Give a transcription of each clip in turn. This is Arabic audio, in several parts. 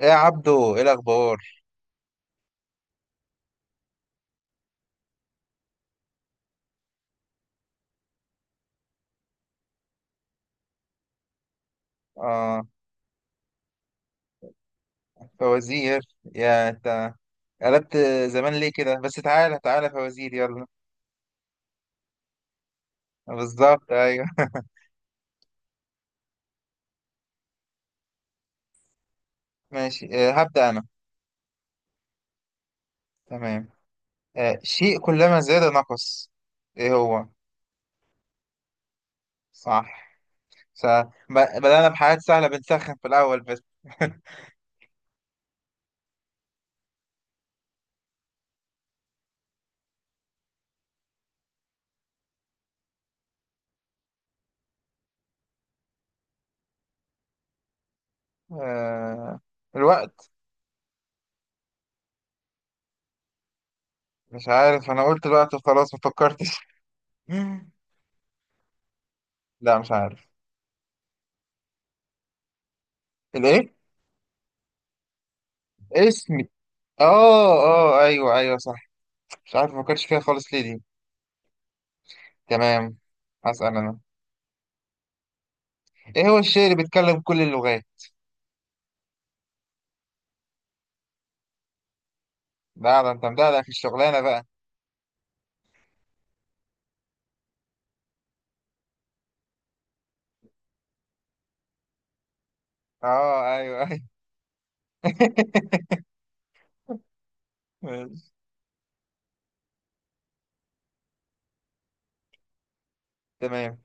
ايه يا عبدو، ايه الاخبار؟ اه، فوازير. يا انت قلبت زمان ليه كده؟ بس تعالى فوازير، يلا. بالظبط، ايوه. ماشي، آه، هبدأ انا. تمام. شيء كلما زاد نقص، ايه هو؟ صح. س... بدأنا بحاجات سهلة، بنسخن في الاول بس. آه الوقت. مش عارف، انا قلت الوقت وخلاص، ما فكرتش. لا مش عارف. الايه؟ اسمي. اه. اه ايوه، ايوه صح. مش عارف، ما فكرتش فيها خالص، ليه دي؟ تمام، هسأل أنا. إيه هو الشيء اللي بيتكلم كل اللغات؟ لا ده أنت مدعدع في الشغلانة بقى. أه أيوه، أيوه. ماشي. تمام.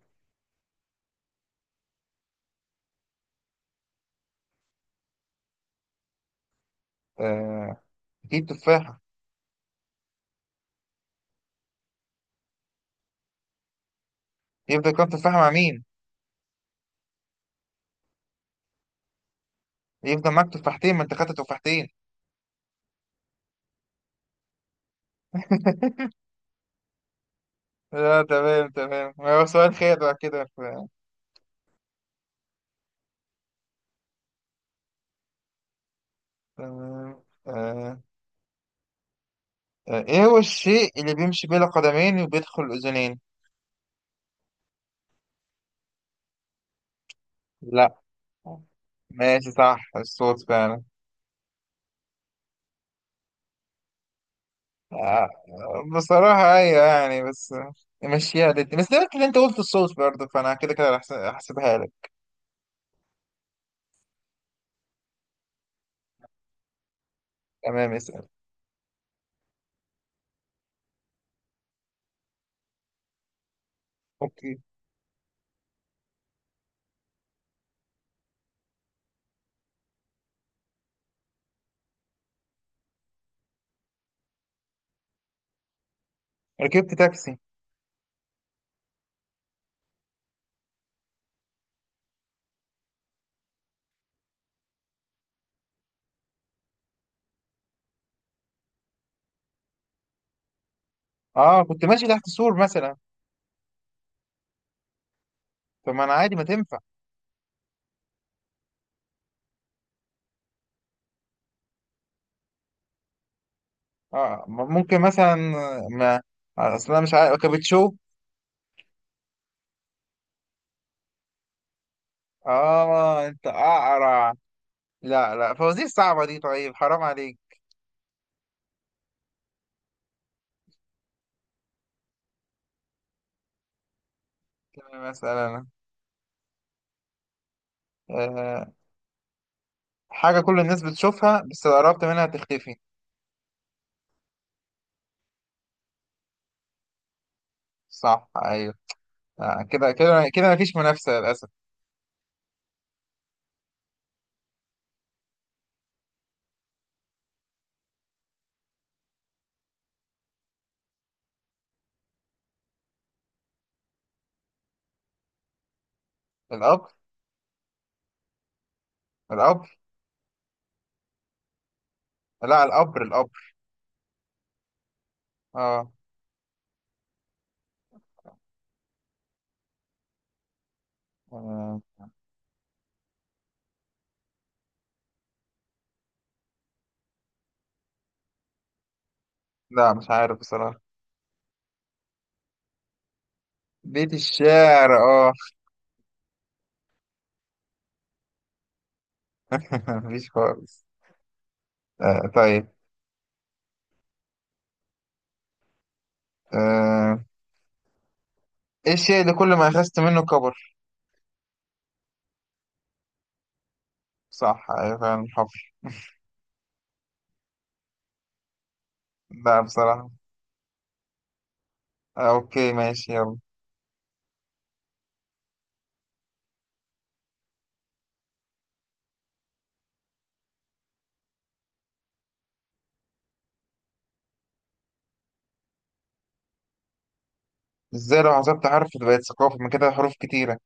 آه، إيه؟ تفاحة. يفضل كام تفاحة مع مين؟ يفضل معاك تفاحتين، ما أنت خدت تفاحتين. لا تمام، تمام، هو سؤال خير بقى كده تمام. آه. إيه هو الشيء اللي بيمشي بلا قدمين وبيدخل أذنين؟ لا. ماشي، صح، الصوت فعلا. آه، بصراحة أيوة يعني، بس مشيها ضدي، بس ده اللي أنت قلت الصوت برضه، فأنا كده كده هحسبها لك. تمام، اسأل. أوكي. ركبت تاكسي. أه، كنت ماشي تحت سور مثلا. طب ما أنا عادي، ما تنفع. أه، ممكن مثلا. ما. أصل أنا مش عارف، كابتشو. أه أنت أقرع. لا لا، فوازير صعبة دي، طيب حرام عليك. مثلا. أه. حاجة كل الناس بتشوفها، بس لو قربت منها تختفي. صح، أيوه. كده كده كده مفيش منافسة للأسف. القبر. القبر. لا، القبر، القبر. اه. آه. لا مش عارف بصراحة. بيت الشعر، اه. مفيش خالص. طيب. آه. ايه الشيء اللي كل ما اخذت منه كبر؟ صح، ايوه فعلا، حفر. لا بصراحة. اوكي، ماشي، يلا. ازاي لو حسبت حرف بقت ثقافة؟ من كده حروف كتيرة.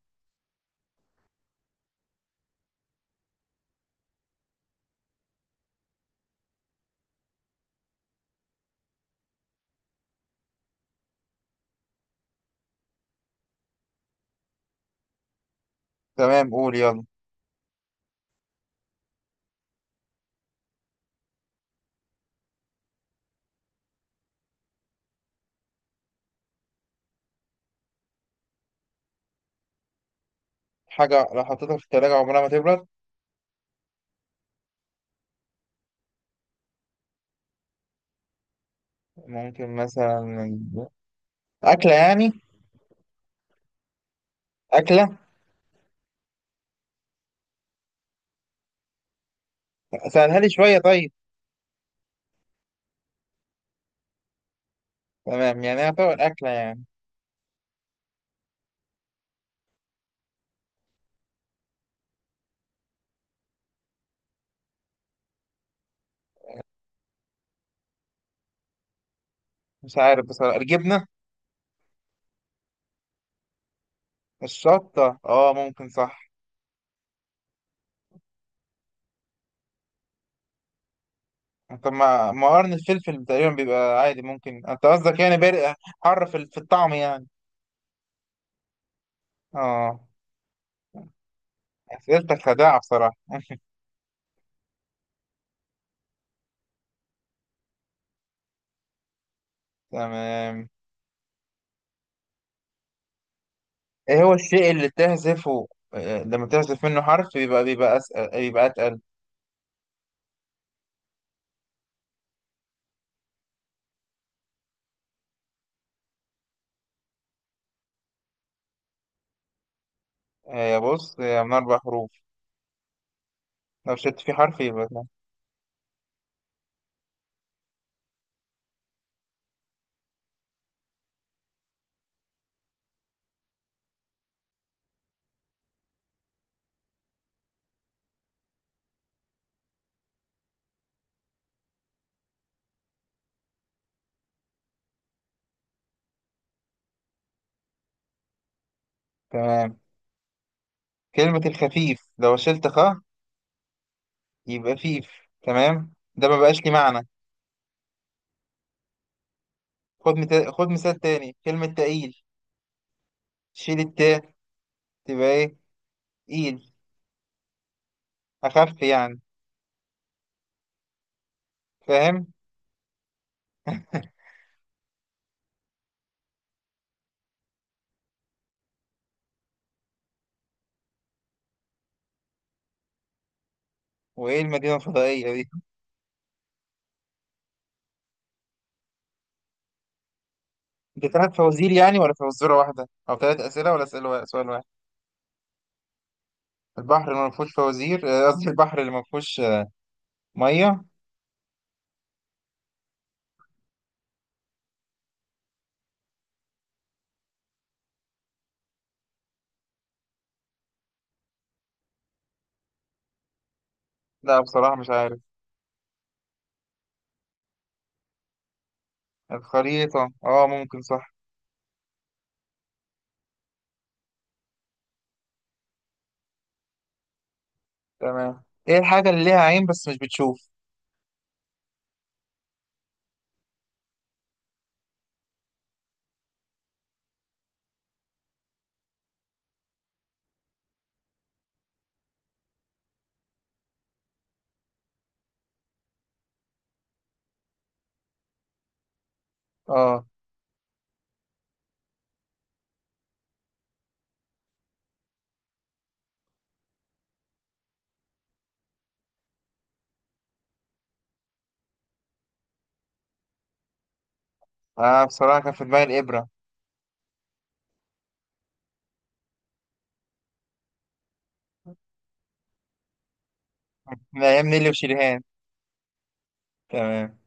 تمام، قول يلا. حاجة لو حطيتها في التلاجة عمرها ما تبرد؟ ممكن مثلا. أكلة يعني. أكلة. سهلها لي شوية طيب. تمام، يعني هي طبعا أكلة يعني. مش عارف بصراحة. الجبنة؟ الشطة، اه ممكن صح. طب ما قرن الفلفل تقريبا بيبقى عادي، ممكن انت قصدك يعني بارق، حر في الطعم يعني. اه. اسئلتك خداعة بصراحة. تمام. ايه هو الشيء اللي تهزفه؟ لما تهزف منه حرف بيبقى أسأل، بيبقى أتقل. بص، هي من أربع حروف، لو شلت فيه حرف يبقى ده. تمام. كلمة الخفيف، لو شلت خ يبقى فيف، تمام، ده ما بقاش ليه معنى. خد مثال تاني، كلمة تقيل، شيل التاء تبقى ايه؟ ايد، أخف يعني. فاهم. وإيه المدينة الفضائية دي؟ دي ثلاث فوازير يعني، ولا فزورة واحدة، أو ثلاث أسئلة ولا أسئلة سؤال واحد؟ البحر اللي ما فيهوش فوازير، قصدي البحر اللي ما فيهوش مية. لا بصراحة مش عارف. الخريطة، أه ممكن صح. تمام. إيه الحاجة اللي ليها عين بس مش بتشوف؟ أه. أه بصراحة كان في دماغي الإبرة. من أيام نيلي وشريهان. تمام،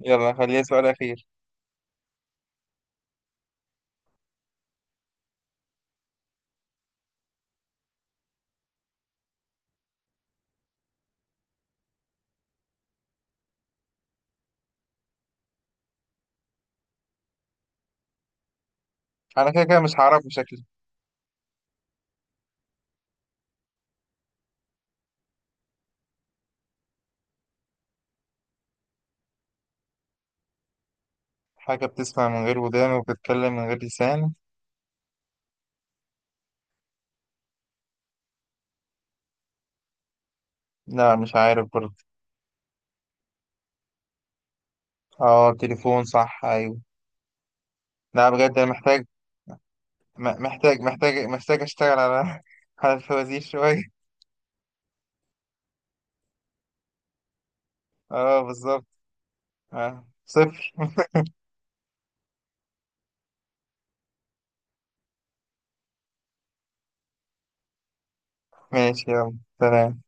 يلا خليها سؤال أخير. أنا كده كده مش هعرف بشكل. حاجة بتسمع من غير ودان وبتتكلم من غير لسان. لا مش عارف برضه. اه، تليفون، صح، ايوه. لا بجد انا محتاج، محتاج اشتغل على على الفوازير شوية. اه بالظبط. صفر. ماشي، يلا، سلام.